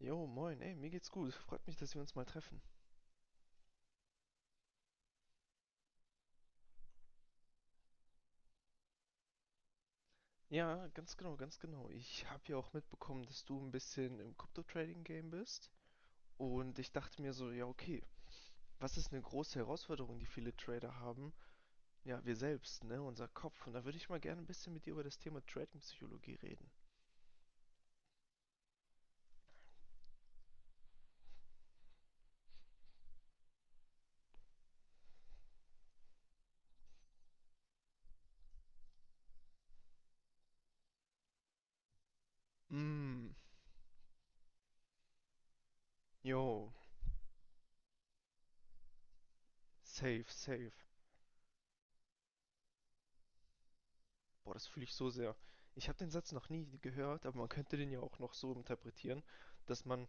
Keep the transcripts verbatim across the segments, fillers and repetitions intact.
Jo, moin, ey, mir geht's gut. Freut mich, dass wir uns mal treffen. Ja, ganz genau, ganz genau. Ich habe ja auch mitbekommen, dass du ein bisschen im Crypto-Trading-Game bist. Und ich dachte mir so, ja, okay, was ist eine große Herausforderung, die viele Trader haben? Ja, wir selbst, ne, unser Kopf. Und da würde ich mal gerne ein bisschen mit dir über das Thema Trading-Psychologie reden. Mm, jo, safe, safe. Boah, das fühle ich so sehr. Ich habe den Satz noch nie gehört, aber man könnte den ja auch noch so interpretieren, dass man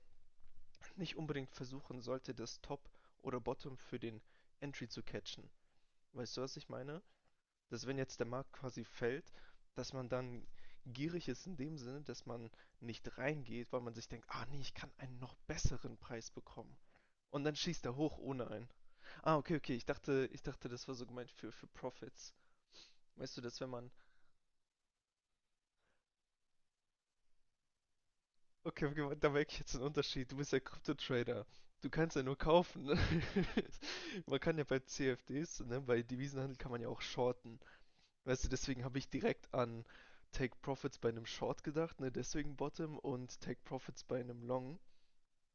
nicht unbedingt versuchen sollte, das Top oder Bottom für den Entry zu catchen. Weißt du, was ich meine? Dass wenn jetzt der Markt quasi fällt, dass man dann gierig ist in dem Sinne, dass man nicht reingeht, weil man sich denkt, ah nee, ich kann einen noch besseren Preis bekommen. Und dann schießt er hoch ohne einen. Ah, okay, okay, ich dachte, ich dachte, das war so gemeint für, für Profits. Weißt du, dass wenn man. Okay, okay, da merke ich jetzt einen Unterschied. Du bist ja Krypto-Trader. Du kannst ja nur kaufen, ne? Man kann ja bei C F Ds, ne, bei Devisenhandel kann man ja auch shorten. Weißt du, deswegen habe ich direkt an Take Profits bei einem Short gedacht, ne, deswegen Bottom und Take Profits bei einem Long,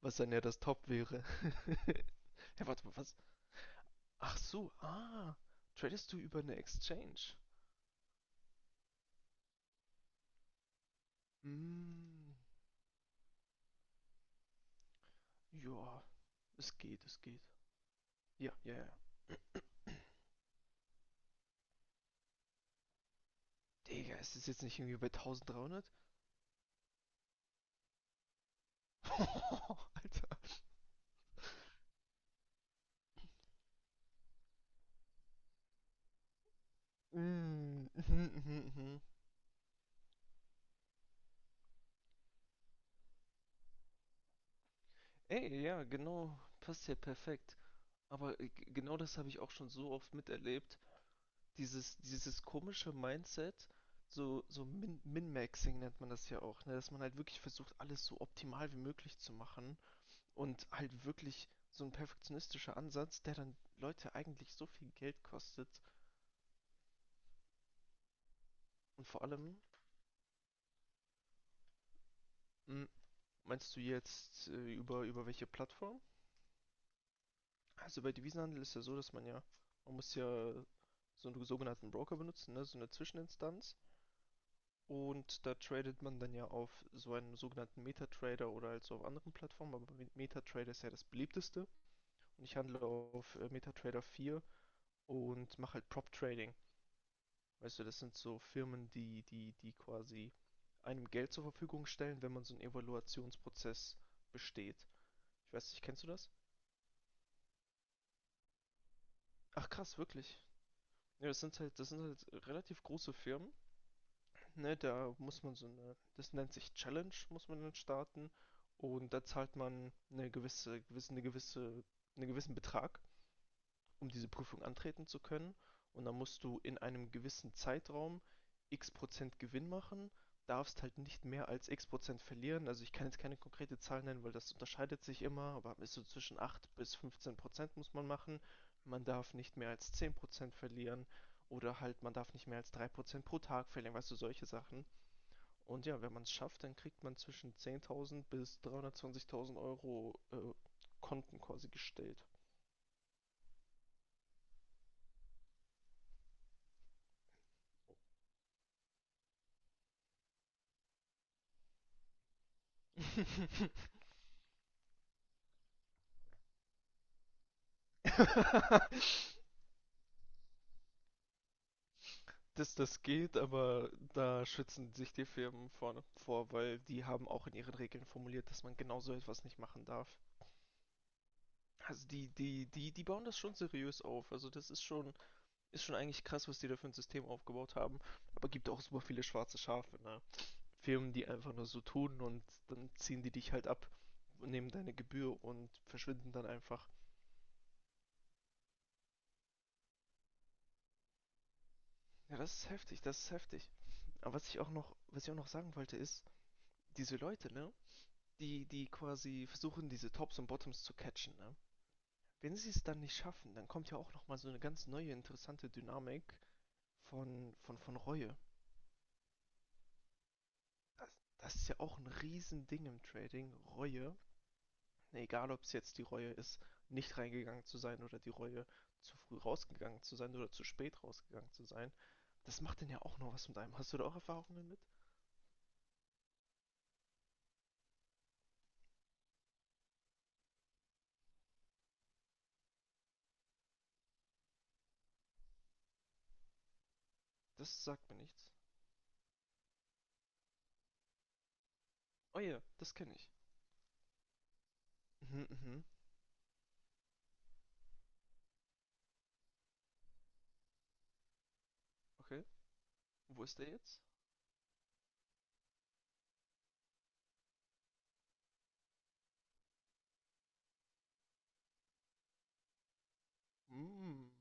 was dann ja das Top wäre. Ja, warte mal, was? Ach so, ah, tradest du über eine Exchange? Hm, ja, es geht, es geht. Ja, ja, ja. Digga, ist es jetzt nicht irgendwie bei dreizehnhundert? Mm, mhm, mhm, mhm. Ey, ja, genau, passt ja perfekt. Aber äh, g- genau das habe ich auch schon so oft miterlebt. Dieses, dieses komische Mindset, so, so Min Min-Maxing nennt man das ja auch, ne? Dass man halt wirklich versucht, alles so optimal wie möglich zu machen. Und halt wirklich so ein perfektionistischer Ansatz, der dann Leute eigentlich so viel Geld kostet. Und vor allem, mm, meinst du jetzt äh, über, über welche Plattform? Also bei Devisenhandel ist ja so, dass man ja, man muss ja so einen sogenannten Broker benutzen, ne? So eine Zwischeninstanz. Und da tradet man dann ja auf so einem sogenannten MetaTrader oder also auf anderen Plattformen, aber MetaTrader ist ja das beliebteste. Und ich handle auf äh, MetaTrader vier und mache halt Prop Trading. Weißt du, das sind so Firmen, die, die, die quasi einem Geld zur Verfügung stellen, wenn man so einen Evaluationsprozess besteht. Ich weiß nicht, kennst du das? Ach krass, wirklich. Ja, das sind halt, das sind halt relativ große Firmen. Ne, da muss man so eine, das nennt sich Challenge, muss man dann starten. Und da zahlt man eine gewisse, gewisse, eine gewisse, einen gewissen Betrag, um diese Prüfung antreten zu können. Und dann musst du in einem gewissen Zeitraum x Prozent Gewinn machen, darfst halt nicht mehr als x Prozent verlieren. Also ich kann jetzt keine konkrete Zahl nennen, weil das unterscheidet sich immer, aber ist so zwischen acht bis fünfzehn Prozent muss man machen. Man darf nicht mehr als zehn Prozent verlieren oder halt man darf nicht mehr als drei Prozent pro Tag verlieren, weißt du, solche Sachen. Und ja, wenn man es schafft, dann kriegt man zwischen zehntausend bis dreihundertzwanzigtausend Euro äh, Konten quasi gestellt. Dass das geht, aber da schützen sich die Firmen vorne vor, weil die haben auch in ihren Regeln formuliert, dass man genau so etwas nicht machen darf. Also die, die, die, die bauen das schon seriös auf. Also das ist schon, ist schon eigentlich krass, was die da für ein System aufgebaut haben. Aber gibt auch super viele schwarze Schafe, ne? Firmen, die einfach nur so tun und dann ziehen die dich halt ab, nehmen deine Gebühr und verschwinden dann einfach. Ja, das ist heftig, das ist heftig. Aber was ich auch noch, was ich auch noch sagen wollte, ist, diese Leute, ne, die, die quasi versuchen, diese Tops und Bottoms zu catchen, ne? Wenn sie es dann nicht schaffen, dann kommt ja auch nochmal so eine ganz neue, interessante Dynamik von, von, von Reue. Das, das ist ja auch ein Riesending im Trading, Reue. Egal, ob es jetzt die Reue ist, nicht reingegangen zu sein oder die Reue, zu früh rausgegangen zu sein oder zu spät rausgegangen zu sein. Das macht denn ja auch noch was mit einem. Hast du da auch Erfahrungen mit? Das sagt mir nichts. Oh ja, das kenne ich. Mhm, mhm. Okay. Wo ist der jetzt? Mm.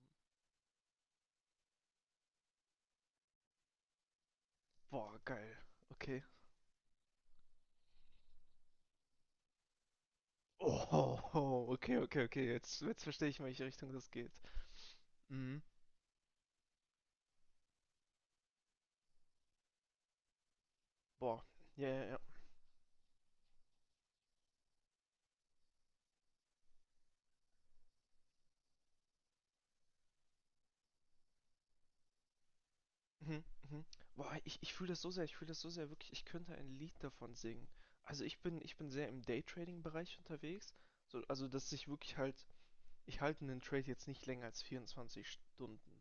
Boah, geil. Okay. Oh, oh, okay, okay, okay. Jetzt, jetzt verstehe ich, in welche Richtung das geht. Mhm. Boah. Ja, ja, ja. Mhm, mhm. Boah, ich, ich fühle das so sehr, ich fühle das so sehr, wirklich, ich könnte ein Lied davon singen. Also ich bin, ich bin sehr im Daytrading-Bereich unterwegs. So, also dass ich wirklich halt, ich halte einen Trade jetzt nicht länger als vierundzwanzig Stunden.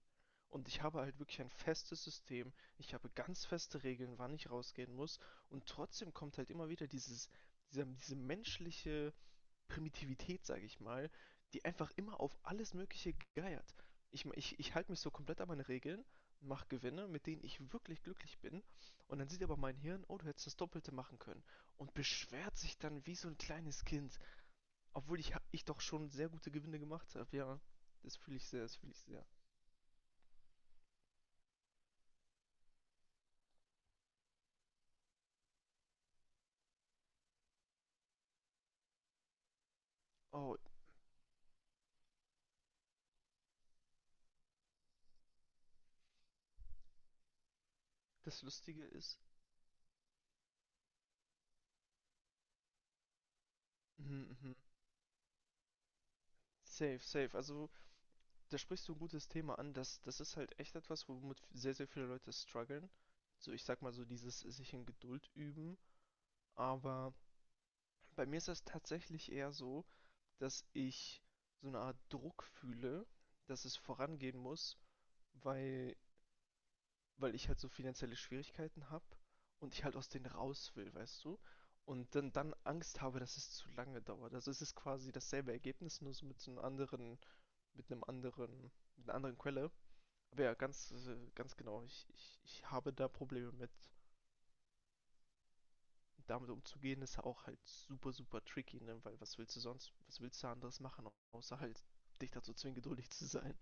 Und ich habe halt wirklich ein festes System. Ich habe ganz feste Regeln, wann ich rausgehen muss. Und trotzdem kommt halt immer wieder dieses, dieser, diese menschliche Primitivität, sage ich mal, die einfach immer auf alles Mögliche geiert. Ich, ich, ich halte mich so komplett an meine Regeln, mache Gewinne, mit denen ich wirklich glücklich bin. Und dann sieht aber mein Hirn, oh, du hättest das Doppelte machen können. Und beschwert sich dann wie so ein kleines Kind. Obwohl ich, ich doch schon sehr gute Gewinne gemacht habe. Ja, das fühle ich sehr, das fühle ich sehr. Oh, das Lustige ist. Mhm, mhm. Safe, safe. Also, da sprichst du ein gutes Thema an. Das, das ist halt echt etwas, womit sehr, sehr viele Leute strugglen. So, ich sag mal so, dieses sich in Geduld üben. Aber bei mir ist das tatsächlich eher so, dass ich so eine Art Druck fühle, dass es vorangehen muss, weil, weil ich halt so finanzielle Schwierigkeiten habe und ich halt aus denen raus will, weißt du? Und dann, dann Angst habe, dass es zu lange dauert. Also es ist quasi dasselbe Ergebnis, nur so mit so einem anderen mit einem anderen, mit einer anderen Quelle. Aber ja, ganz, äh, ganz genau. Ich, ich, ich habe da Probleme mit. Damit umzugehen ist auch halt super, super tricky, ne? Weil was willst du sonst, was willst du anderes machen, außer halt dich dazu zwingen, geduldig zu sein.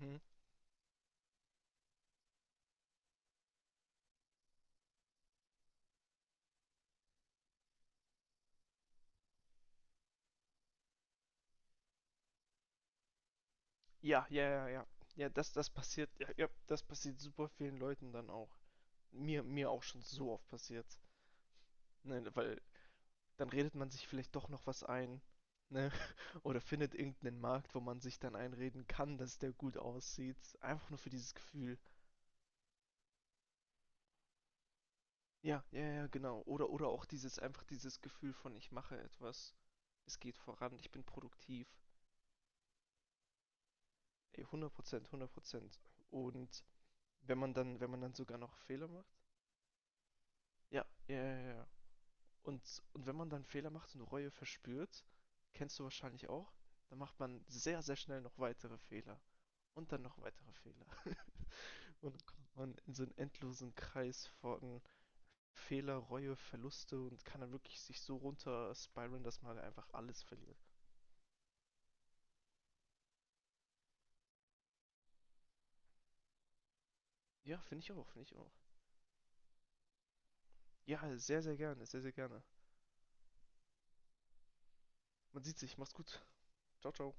Mhm. Ja, ja, ja, ja. Ja, das, das passiert, ja, ja, das passiert super vielen Leuten dann auch. Mir, mir auch schon so oft passiert. Ne, weil dann redet man sich vielleicht doch noch was ein, ne, oder findet irgendeinen Markt, wo man sich dann einreden kann, dass der gut aussieht. Einfach nur für dieses Gefühl. Ja, ja, ja, genau. Oder, oder auch dieses, einfach dieses Gefühl von, ich mache etwas, es geht voran, ich bin produktiv. Ey, hundert Prozent, hundert Prozent. Und wenn man dann, wenn man dann sogar noch Fehler macht. Ja, ja, ja, ja, ja. Und, und wenn man dann Fehler macht und Reue verspürt, kennst du wahrscheinlich auch, dann macht man sehr, sehr schnell noch weitere Fehler. Und dann noch weitere Fehler. Und dann kommt man in so einen endlosen Kreis von Fehler, Reue, Verluste und kann dann wirklich sich so runter spiralen, dass man halt einfach alles verliert. Ja, finde ich auch, finde ich auch. Ja, sehr, sehr gerne, sehr, sehr gerne. Man sieht sich. Mach's gut. Ciao, ciao.